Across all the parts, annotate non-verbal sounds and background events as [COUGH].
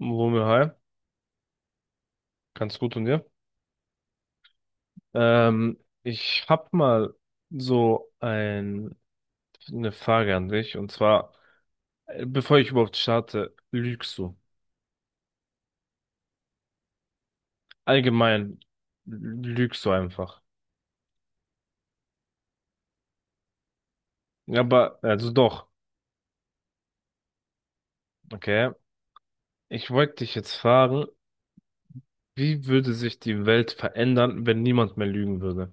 Wumme, hi. Ganz gut und dir? Ich hab mal so eine Frage an dich, und zwar, bevor ich überhaupt starte, lügst du? Allgemein, lügst du einfach? Ja, aber, also doch, okay. Ich wollte dich jetzt fragen, wie würde sich die Welt verändern, wenn niemand mehr lügen würde?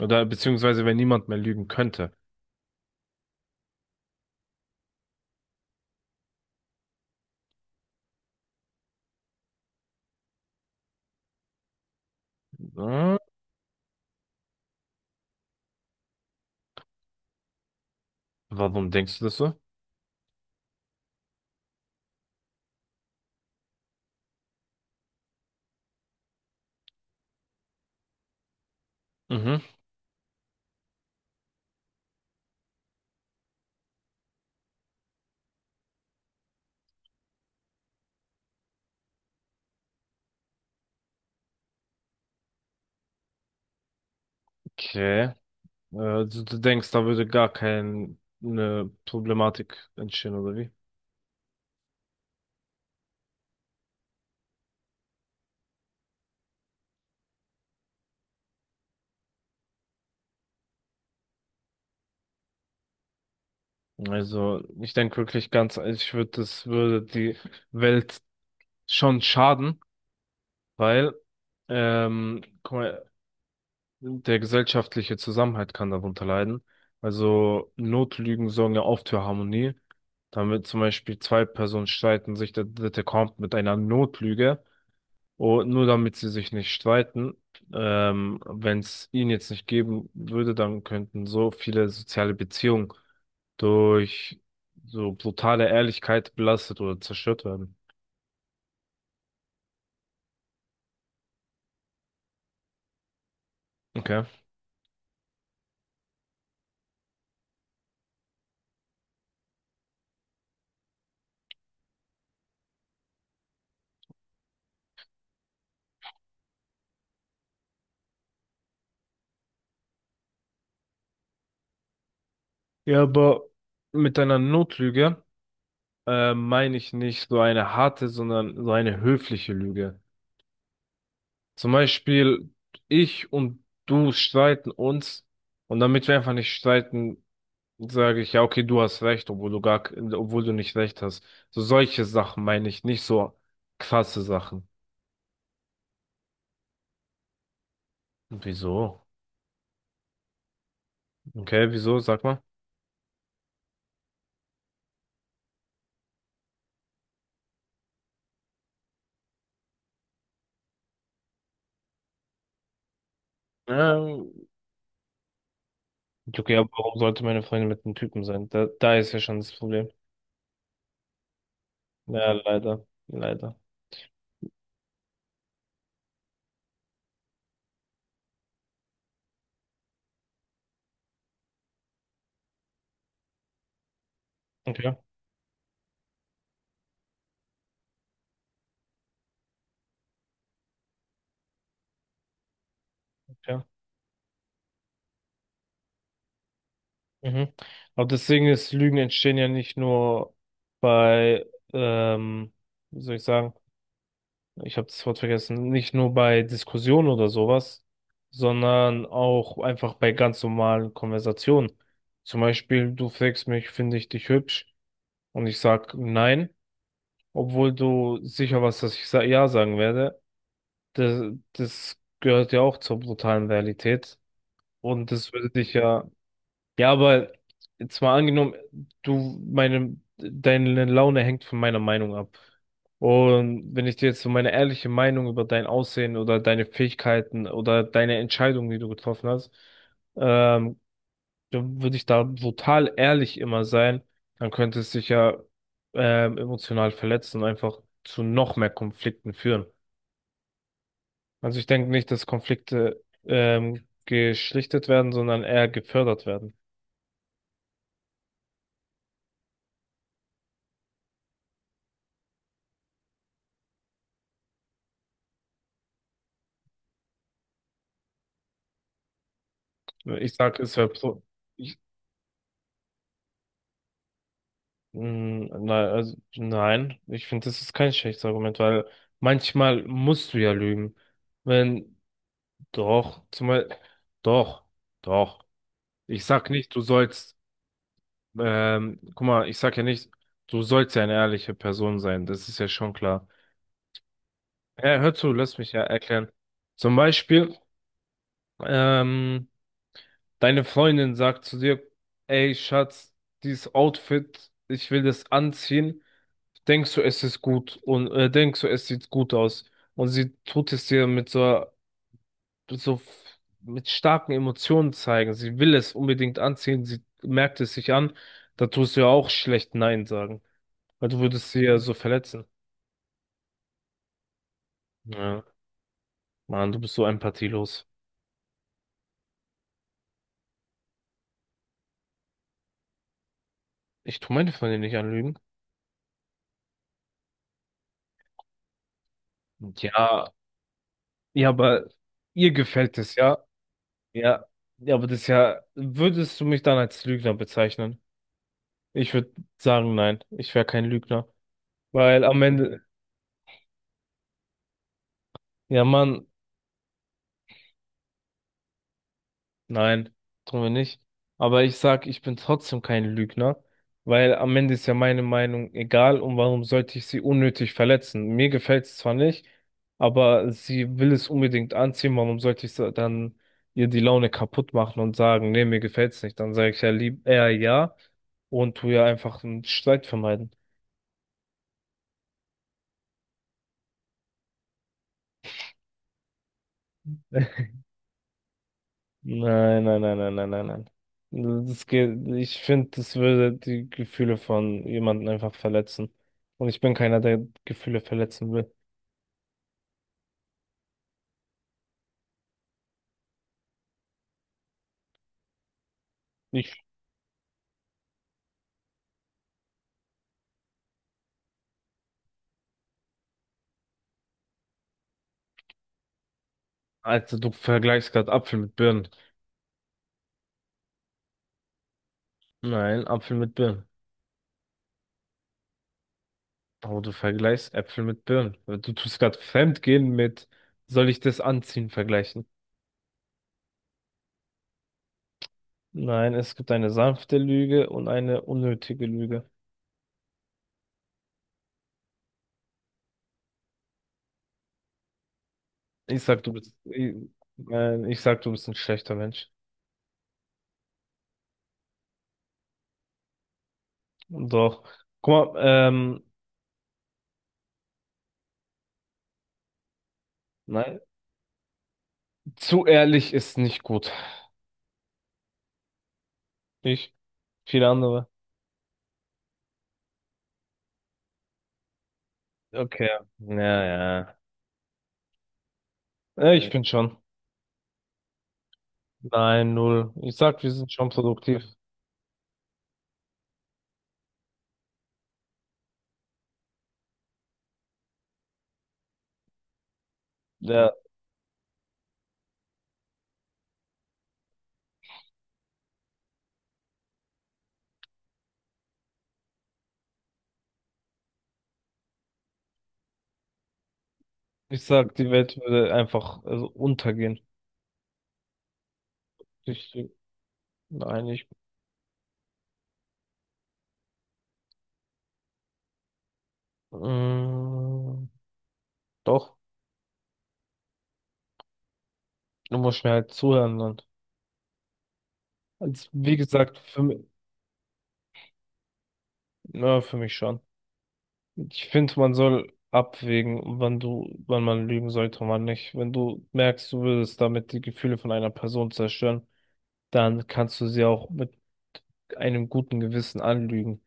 Oder beziehungsweise wenn niemand mehr lügen könnte? Hm? Warum denkst du das so? Mhm. Okay. Äh, du denkst, da würde gar keine Problematik entstehen, oder wie? Also, ich denke wirklich ganz, ich würde, das würde die Welt schon schaden, weil, guck mal, der gesellschaftliche Zusammenhalt kann darunter leiden. Also, Notlügen sorgen ja oft für Harmonie. Damit zum Beispiel zwei Personen streiten, sich der dritte kommt mit einer Notlüge. Und nur damit sie sich nicht streiten, wenn es ihn jetzt nicht geben würde, dann könnten so viele soziale Beziehungen durch so brutale Ehrlichkeit belastet oder zerstört werden. Okay. Ja, aber mit einer Notlüge meine ich nicht so eine harte, sondern so eine höfliche Lüge. Zum Beispiel, ich und du streiten uns, und damit wir einfach nicht streiten, sage ich, ja, okay, du hast recht, obwohl du gar, obwohl du nicht recht hast. So solche Sachen meine ich, nicht so krasse Sachen. Wieso? Okay, wieso? Sag mal. Ähm, okay, aber warum sollte meine Freundin mit einem Typen sein? Da ist ja schon das Problem. Ja, leider, leider. Okay, okay. Mhm. Aber deswegen, ist Lügen entstehen ja nicht nur bei, ähm, wie soll ich sagen? Ich habe das Wort vergessen, nicht nur bei Diskussionen oder sowas, sondern auch einfach bei ganz normalen Konversationen. Zum Beispiel, du fragst mich, finde ich dich hübsch? Und ich sag nein, obwohl du sicher warst, dass ich sa ja sagen werde. Das, das gehört ja auch zur brutalen Realität. Und das würde dich ja ja, aber jetzt mal angenommen, du, meine, deine Laune hängt von meiner Meinung ab. Und wenn ich dir jetzt so meine ehrliche Meinung über dein Aussehen oder deine Fähigkeiten oder deine Entscheidung, die du getroffen hast, ähm, dann würde ich da brutal ehrlich immer sein, dann könnte es dich ja emotional verletzen und einfach zu noch mehr Konflikten führen. Also ich denke nicht, dass Konflikte geschlichtet werden, sondern eher gefördert werden. Ich sag, es wäre pro mm, nein, also, nein, ich finde, das ist kein schlechtes Argument, weil manchmal musst du ja lügen. Wenn, doch, zumal, doch, doch. Ich sag nicht, du sollst, guck mal, ich sag ja nicht, du sollst ja eine ehrliche Person sein, das ist ja schon klar. Ja, hör zu, lass mich ja erklären. Zum Beispiel, ähm, deine Freundin sagt zu dir, ey, Schatz, dieses Outfit, ich will das anziehen. Denkst du, es ist gut, und denkst du, es sieht gut aus? Und sie tut es dir mit so, so mit starken Emotionen zeigen. Sie will es unbedingt anziehen, sie merkt es sich an. Da tust du ja auch schlecht nein sagen, weil du würdest sie ja so verletzen. Ja, Mann, du bist so empathielos. Ich tu meine Freundin nicht anlügen. Ja, ja, aber ihr gefällt es, ja? Ja, ja, aber das ist ja, würdest du mich dann als Lügner bezeichnen? Ich würde sagen, nein, ich wäre kein Lügner. Weil am Ende, ja, Mann, nein, tun wir nicht. Aber ich sag, ich bin trotzdem kein Lügner, weil am Ende ist ja meine Meinung egal, und warum sollte ich sie unnötig verletzen? Mir gefällt es zwar nicht, aber sie will es unbedingt anziehen, warum sollte ich dann ihr die Laune kaputt machen und sagen, nee, mir gefällt's nicht? Dann sage ich ja lieb eher ja und tu ja einfach einen Streit vermeiden. [LAUGHS] Nein, nein, nein, nein, nein, nein, nein. Das geht, ich finde, das würde die Gefühle von jemandem einfach verletzen. Und ich bin keiner, der Gefühle verletzen will. Ich, Alter, du vergleichst gerade Apfel mit Birnen. Nein, Apfel mit Birnen. Aber du vergleichst Äpfel mit Birnen. Du tust gerade Fremdgehen mit, soll ich das anziehen, vergleichen. Nein, es gibt eine sanfte Lüge und eine unnötige Lüge. Ich sag, du bist, ich, nein, ich sag, du bist ein schlechter Mensch. Doch. Guck mal, ähm, nein, zu ehrlich ist nicht gut. Ich? Viele andere? Okay. Ja, ja. Ja, ich ja, bin schon. Nein, null. Ich sag, wir sind schon produktiv. Ja. Ich sag, die Welt würde einfach also untergehen. Ich, nein, ich. Mm, doch. Du musst mir halt zuhören und. Also, wie gesagt, für mich, na, für mich schon. Ich finde, man soll abwägen, wann du, wann man lügen sollte und wann nicht. Wenn du merkst, du würdest damit die Gefühle von einer Person zerstören, dann kannst du sie auch mit einem guten Gewissen anlügen.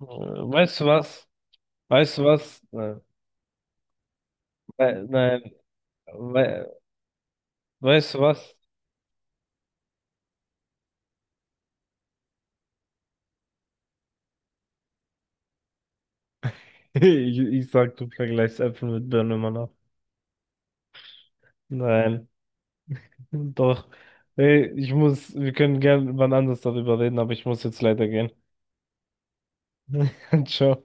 Weißt du was? Weißt du was? Nein, we weißt du was? [LAUGHS] Ich sag, du vergleichst Äpfel mit Birnen immer noch. Nein, doch. Ey, ich muss, wir können gerne wann anders darüber reden, aber ich muss jetzt leider gehen. [LAUGHS] Ciao.